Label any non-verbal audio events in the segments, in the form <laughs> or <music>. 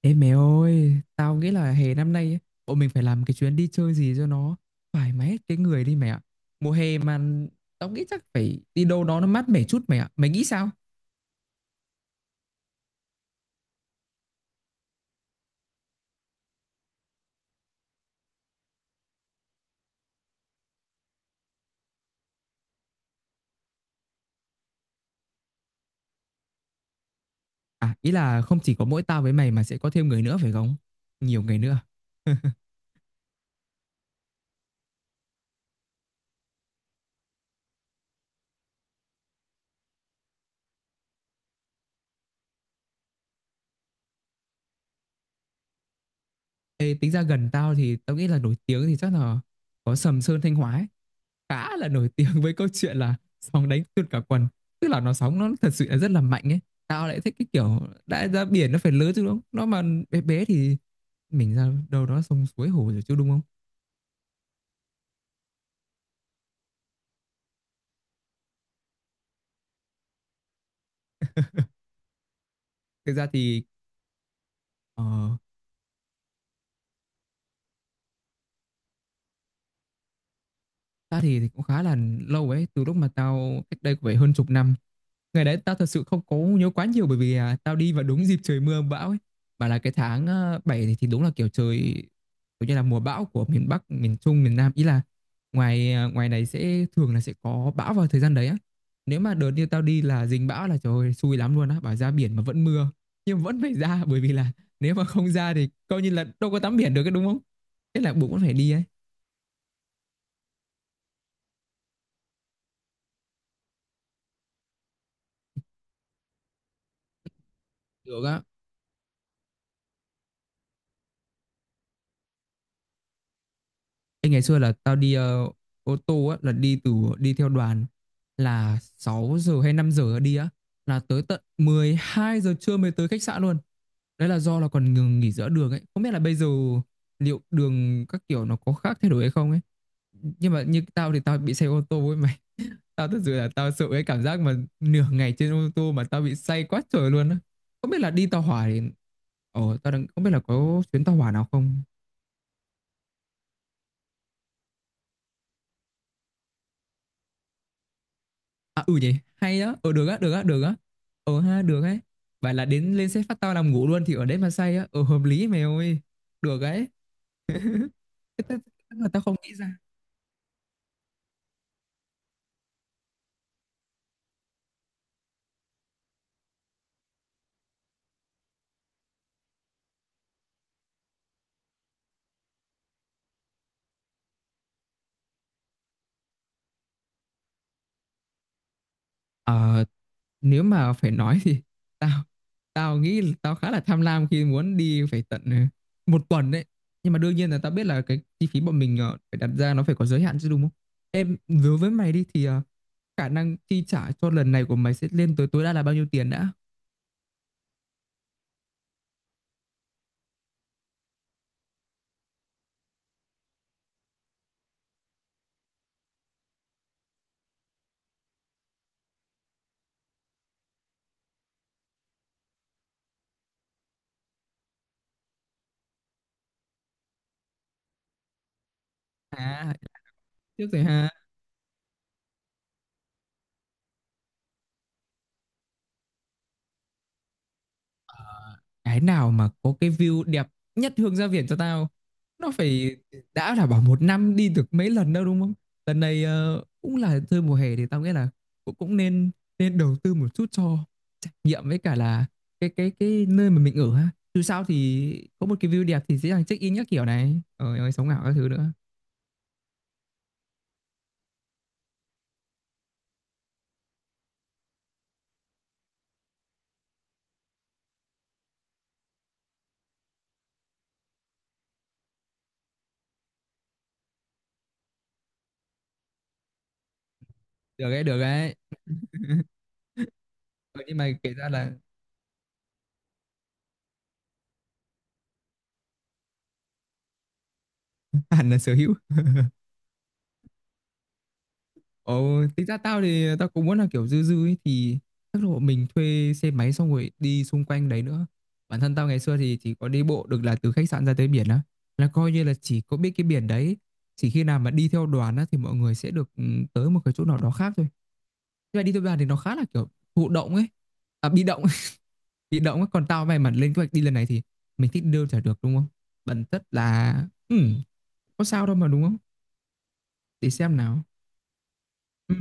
Ê mẹ ơi, tao nghĩ là hè năm nay ấy, bọn mình phải làm cái chuyến đi chơi gì cho nó thoải mái hết cái người đi mẹ ạ. Mùa hè mà tao nghĩ chắc phải đi đâu đó nó mát mẻ chút mẹ ạ. Mày nghĩ sao? À, ý là không chỉ có mỗi tao với mày mà sẽ có thêm người nữa phải không? Nhiều người nữa. <laughs> Ê, tính ra gần tao thì tao nghĩ là nổi tiếng thì chắc là có Sầm Sơn Thanh Hóa ấy. Khá là nổi tiếng với câu chuyện là sóng đánh tuôn cả quần, tức là nó sóng nó thật sự là rất là mạnh ấy. Tao lại thích cái kiểu đã ra biển nó phải lớn chứ đúng không? Nó mà bé bé thì mình ra đâu đó sông suối hồ rồi chứ đúng không? Thực ra thì ờ, ta thì cũng khá là lâu ấy, từ lúc mà tao cách đây cũng phải hơn chục năm. Ngày đấy tao thật sự không có nhớ quá nhiều, bởi vì tao đi vào đúng dịp trời mưa bão ấy. Mà là cái tháng 7 thì đúng là kiểu trời kiểu như là mùa bão của miền Bắc, miền Trung, miền Nam. Ý là ngoài này sẽ thường là sẽ có bão vào thời gian đấy á. Nếu mà đợt như tao đi là dính bão là trời ơi, xui lắm luôn á, bảo ra biển mà vẫn mưa. Nhưng vẫn phải ra, bởi vì là nếu mà không ra thì coi như là đâu có tắm biển được cái đúng không? Thế là buộc vẫn phải đi ấy. Được á. Ê, ngày xưa là tao đi ô tô á, là đi từ, đi theo đoàn, là 6 giờ hay 5 giờ đi á, là tới tận 12 giờ trưa mới tới khách sạn luôn. Đấy là do là còn ngừng nghỉ giữa đường ấy. Không biết là bây giờ liệu đường các kiểu nó có khác thay đổi hay không ấy. Nhưng mà như tao thì tao bị say ô tô ấy mày. <laughs> Tao thật sự là tao sợ cái cảm giác mà nửa ngày trên ô tô mà tao bị say quá trời luôn á. Không biết là đi tàu hỏa thì tao đang không biết là có chuyến tàu hỏa nào không. À, ừ nhỉ, hay đó, ờ được á, được á, được á. Ờ ha, được ấy. Vậy là đến lên xe phát tao nằm ngủ luôn thì ở đấy mà say á, ờ hợp lý mày ơi. Được ấy. Thế Tức tức là tao không nghĩ ra. Ờ, nếu mà phải nói thì <laughs> tao tao nghĩ là tao khá là tham lam khi muốn đi phải tận một tuần đấy. Nhưng mà đương nhiên là tao biết là cái chi phí bọn mình phải đặt ra nó phải có giới hạn chứ đúng không? Em đối với mày đi thì khả năng chi trả cho lần này của mày sẽ lên tới tối đa là bao nhiêu tiền đã? À, trước rồi ha. Cái nào mà có cái view đẹp nhất hướng ra biển cho tao, nó phải đã. Là bảo một năm đi được mấy lần đâu đúng không? Lần này cũng là chơi mùa hè thì tao nghĩ là cũng cũng nên, nên đầu tư một chút cho trải nghiệm, với cả là cái nơi mà mình ở ha. Dù sao thì có một cái view đẹp thì dễ dàng check in các kiểu này, ờ rồi sống ảo các thứ nữa. Được đấy, được đấy. Ờ, nhưng mà kể ra là <laughs> hẳn là sở hữu. Ồ, tính ra tao thì tao cũng muốn là kiểu dư dư ấy, thì chắc là bọn mình thuê xe máy xong rồi đi xung quanh đấy nữa. Bản thân tao ngày xưa thì chỉ có đi bộ được là từ khách sạn ra tới biển á. Là coi như là chỉ có biết cái biển đấy. Chỉ khi nào mà đi theo đoàn á thì mọi người sẽ được ừ, tới một cái chỗ nào đó khác thôi. Nhưng mà đi theo đoàn thì nó khá là kiểu thụ động ấy. À, bị động, <laughs> bị động ấy. Còn tao may mắn lên kế hoạch đi lần này thì mình thích đưa trả được đúng không? Bản chất là ừ, có sao đâu mà đúng không? Để xem nào. Ừ,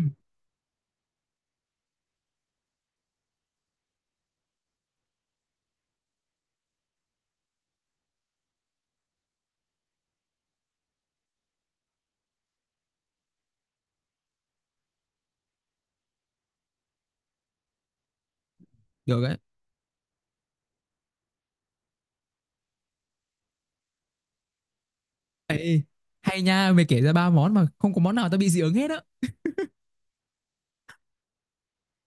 được đấy. Ê, hay nha, mày kể ra ba món mà không có món nào tao bị dị ứng hết á.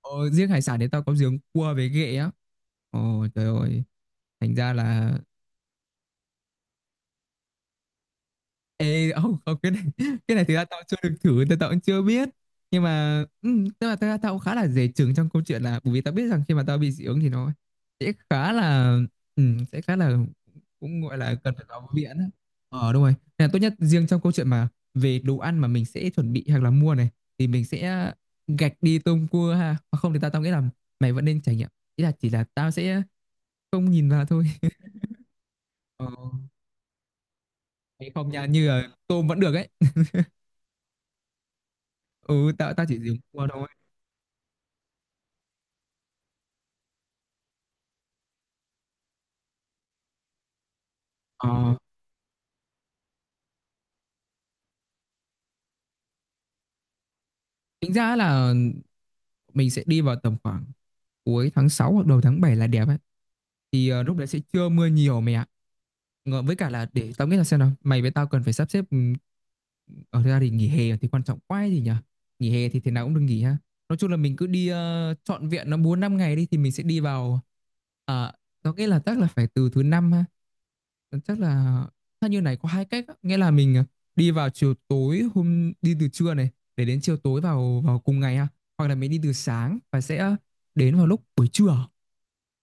Ờ, riêng hải sản thì tao có dị ứng cua với ghẹ á. Ồ trời ơi, thành ra là Ê, không, không, cái này, <laughs> cái này thì ra tao chưa được thử, tao cũng chưa biết. Nhưng mà, ừ, tức là tao cũng khá là dè chừng trong câu chuyện là, bởi vì tao biết rằng khi mà tao bị dị ứng thì nó sẽ khá là, ừ, sẽ khá là, cũng gọi là cần phải vào viện á. Ờ, đúng rồi. Nên là tốt nhất, riêng trong câu chuyện mà về đồ ăn mà mình sẽ chuẩn bị hoặc là mua này, thì mình sẽ gạch đi tôm cua ha. Hoặc không thì tao nghĩ là mày vẫn nên trải nghiệm. Ý là chỉ là tao sẽ không nhìn vào thôi. Ờ, hay không nha, như là tôm vẫn được ấy. Ừ, tao chỉ dùng cua thôi. Ờ, tính ra là mình sẽ đi vào tầm khoảng cuối tháng 6 hoặc đầu tháng 7 là đẹp ấy. Thì lúc đấy sẽ chưa mưa nhiều mày ạ. Ngờ- Với cả là để tao nghĩ là xem nào, mày với tao cần phải sắp xếp ừ, ở ra thì nghỉ hè thì quan trọng quá ấy gì nhỉ? Nghỉ hè thì thế nào cũng được nghỉ ha. Nói chung là mình cứ đi trọn vẹn nó 4 5 ngày đi thì mình sẽ đi vào ờ, tao nghĩ là chắc là phải từ thứ năm. Ờ, chắc là theo như này có hai cách á. Nghĩa là mình đi vào chiều tối, hôm đi từ trưa này để đến chiều tối vào vào cùng ngày ha, hoặc là mình đi từ sáng và sẽ đến vào lúc buổi trưa.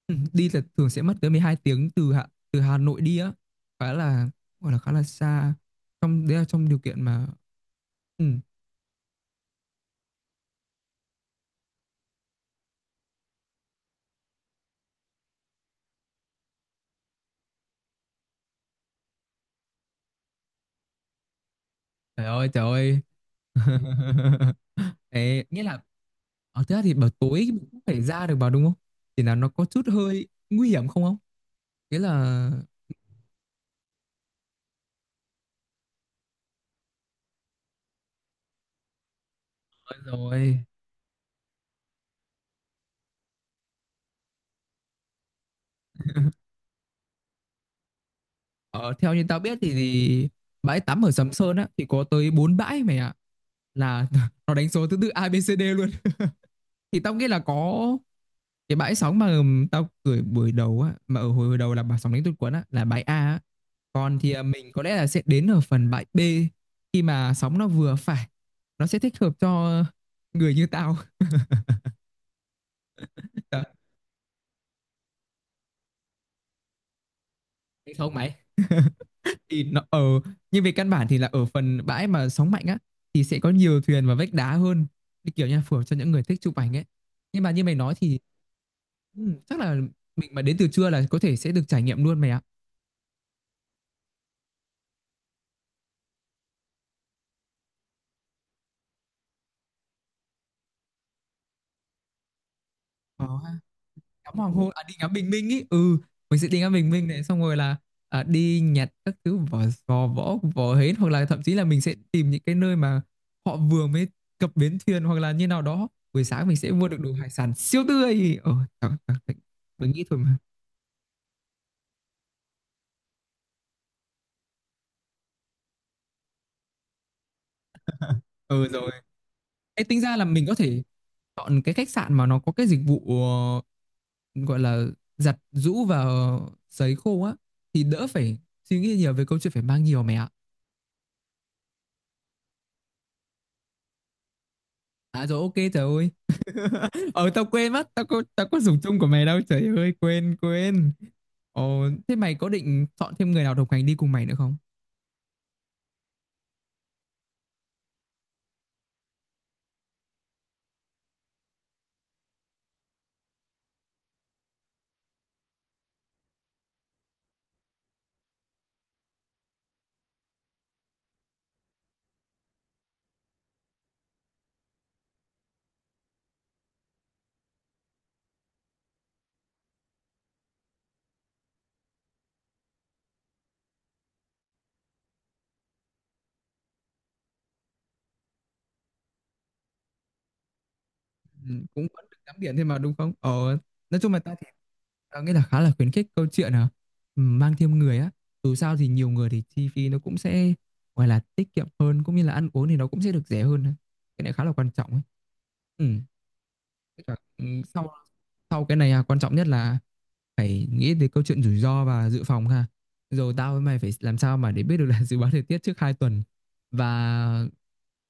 Ừ, đi là thường sẽ mất tới 12 tiếng từ từ Hà Nội đi á, khá là, gọi là khá là xa, trong đấy là trong điều kiện mà ừ. Trời ơi, trời ơi. <laughs> Đấy, nghĩa là ở thế thì bảo tối mình cũng phải ra được vào đúng không? Thì là nó có chút hơi nguy hiểm không, không, nghĩa là rồi ở theo như tao biết thì bãi tắm ở Sầm Sơn á thì có tới 4 bãi mày ạ, là <laughs> nó đánh số thứ tự A B C D luôn. Thì tao nghĩ là có cái bãi sóng mà tao gửi buổi đầu á, mà ở hồi hồi đầu là bà sóng đánh tụt quấn á là bãi A á. Còn thì mình có lẽ là sẽ đến ở phần bãi B khi mà sóng nó vừa phải, nó sẽ thích hợp cho người như tao. <laughs> Đấy, không mày, thì nó ở, nhưng về căn bản thì là ở phần bãi mà sóng mạnh á thì sẽ có nhiều thuyền và vách đá hơn, thì kiểu như là phù hợp cho những người thích chụp ảnh ấy. Nhưng mà như mày nói thì ừ, chắc là mình mà đến từ trưa là có thể sẽ được trải nghiệm luôn mày ạ. Ờ, ha. Ngắm hoàng hôn, à đi ngắm bình minh ý, ừ, mình sẽ đi ngắm bình minh này xong rồi là đi nhặt các thứ vỏ sò, vỏ vỏ hến, hoặc là thậm chí là mình sẽ tìm những cái nơi mà họ vừa mới cập bến thuyền hoặc là như nào đó, buổi sáng mình sẽ mua được đồ hải sản siêu tươi ờ, trời, trời, mình nghĩ thôi mà. Ừ rồi. Ê, tính ra là mình có thể chọn cái khách sạn mà nó có cái dịch vụ gọi là giặt giũ và sấy khô á, thì đỡ phải suy nghĩ nhiều về câu chuyện phải mang nhiều mày ạ. À rồi ok trời ơi. <laughs> Ờ tao quên mất, tao có dùng chung của mày đâu. Trời ơi, quên quên. Ồ thế mày có định chọn thêm người nào đồng hành đi cùng mày nữa không? Ừ, cũng vẫn được tắm biển thêm mà đúng không? Ờ, nói chung là tao, ờ, nghĩa là khá là khuyến khích câu chuyện mang thêm người á. Dù sao thì nhiều người thì chi phí nó cũng sẽ gọi là tiết kiệm hơn, cũng như là ăn uống thì nó cũng sẽ được rẻ hơn á. Cái này khá là quan trọng ấy, ừ. Với cả, ừ, sau sau cái này quan trọng nhất là phải nghĩ tới câu chuyện rủi ro và dự phòng ha. Rồi tao với mày phải làm sao mà để biết được là <laughs> dự báo thời tiết trước 2 tuần, và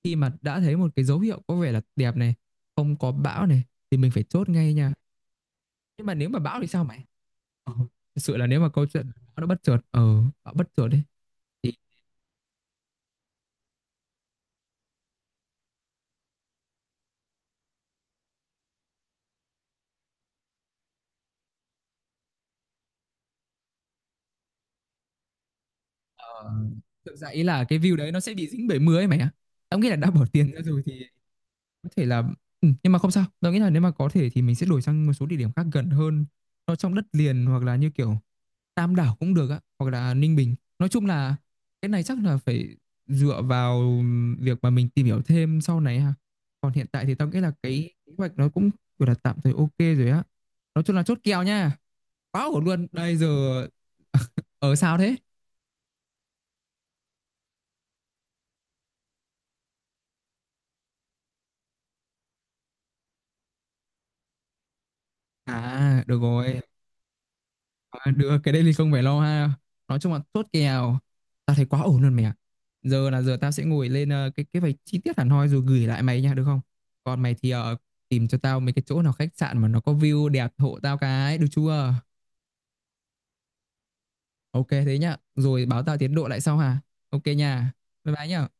khi mà đã thấy một cái dấu hiệu có vẻ là đẹp này, không có bão này, thì mình phải chốt ngay nha. Nhưng mà nếu mà bão thì sao mày? Ờ, thực sự là nếu mà câu chuyện nó bất chợt nó bất chợt đấy thì ờ, thực ra ý là cái view đấy nó sẽ bị dính bảy mươi ấy mày ạ. Tao nghĩ là đã bỏ <laughs> tiền ra rồi thì có thể là ừ, nhưng mà không sao, tao nghĩ là nếu mà có thể thì mình sẽ đổi sang một số địa điểm khác gần hơn, nó trong đất liền hoặc là như kiểu Tam Đảo cũng được á, hoặc là Ninh Bình, nói chung là cái này chắc là phải dựa vào việc mà mình tìm hiểu thêm sau này ha. Còn hiện tại thì tao nghĩ là cái kế hoạch nó cũng gọi là tạm thời ok rồi á, nói chung là chốt kèo nha, quá ổn luôn đây giờ. <laughs> Ở sao thế? À được rồi, được cái đây thì không phải lo ha, nói chung là chốt kèo, tao thấy quá ổn luôn mày ạ. Giờ tao sẽ ngồi lên cái vạch chi tiết hẳn hoi rồi gửi lại mày nha được không? Còn mày thì tìm cho tao mấy cái chỗ nào khách sạn mà nó có view đẹp hộ tao cái được chưa? Ok thế nhá, rồi báo tao tiến độ lại sau hả? Ok nha, bye bye nhá.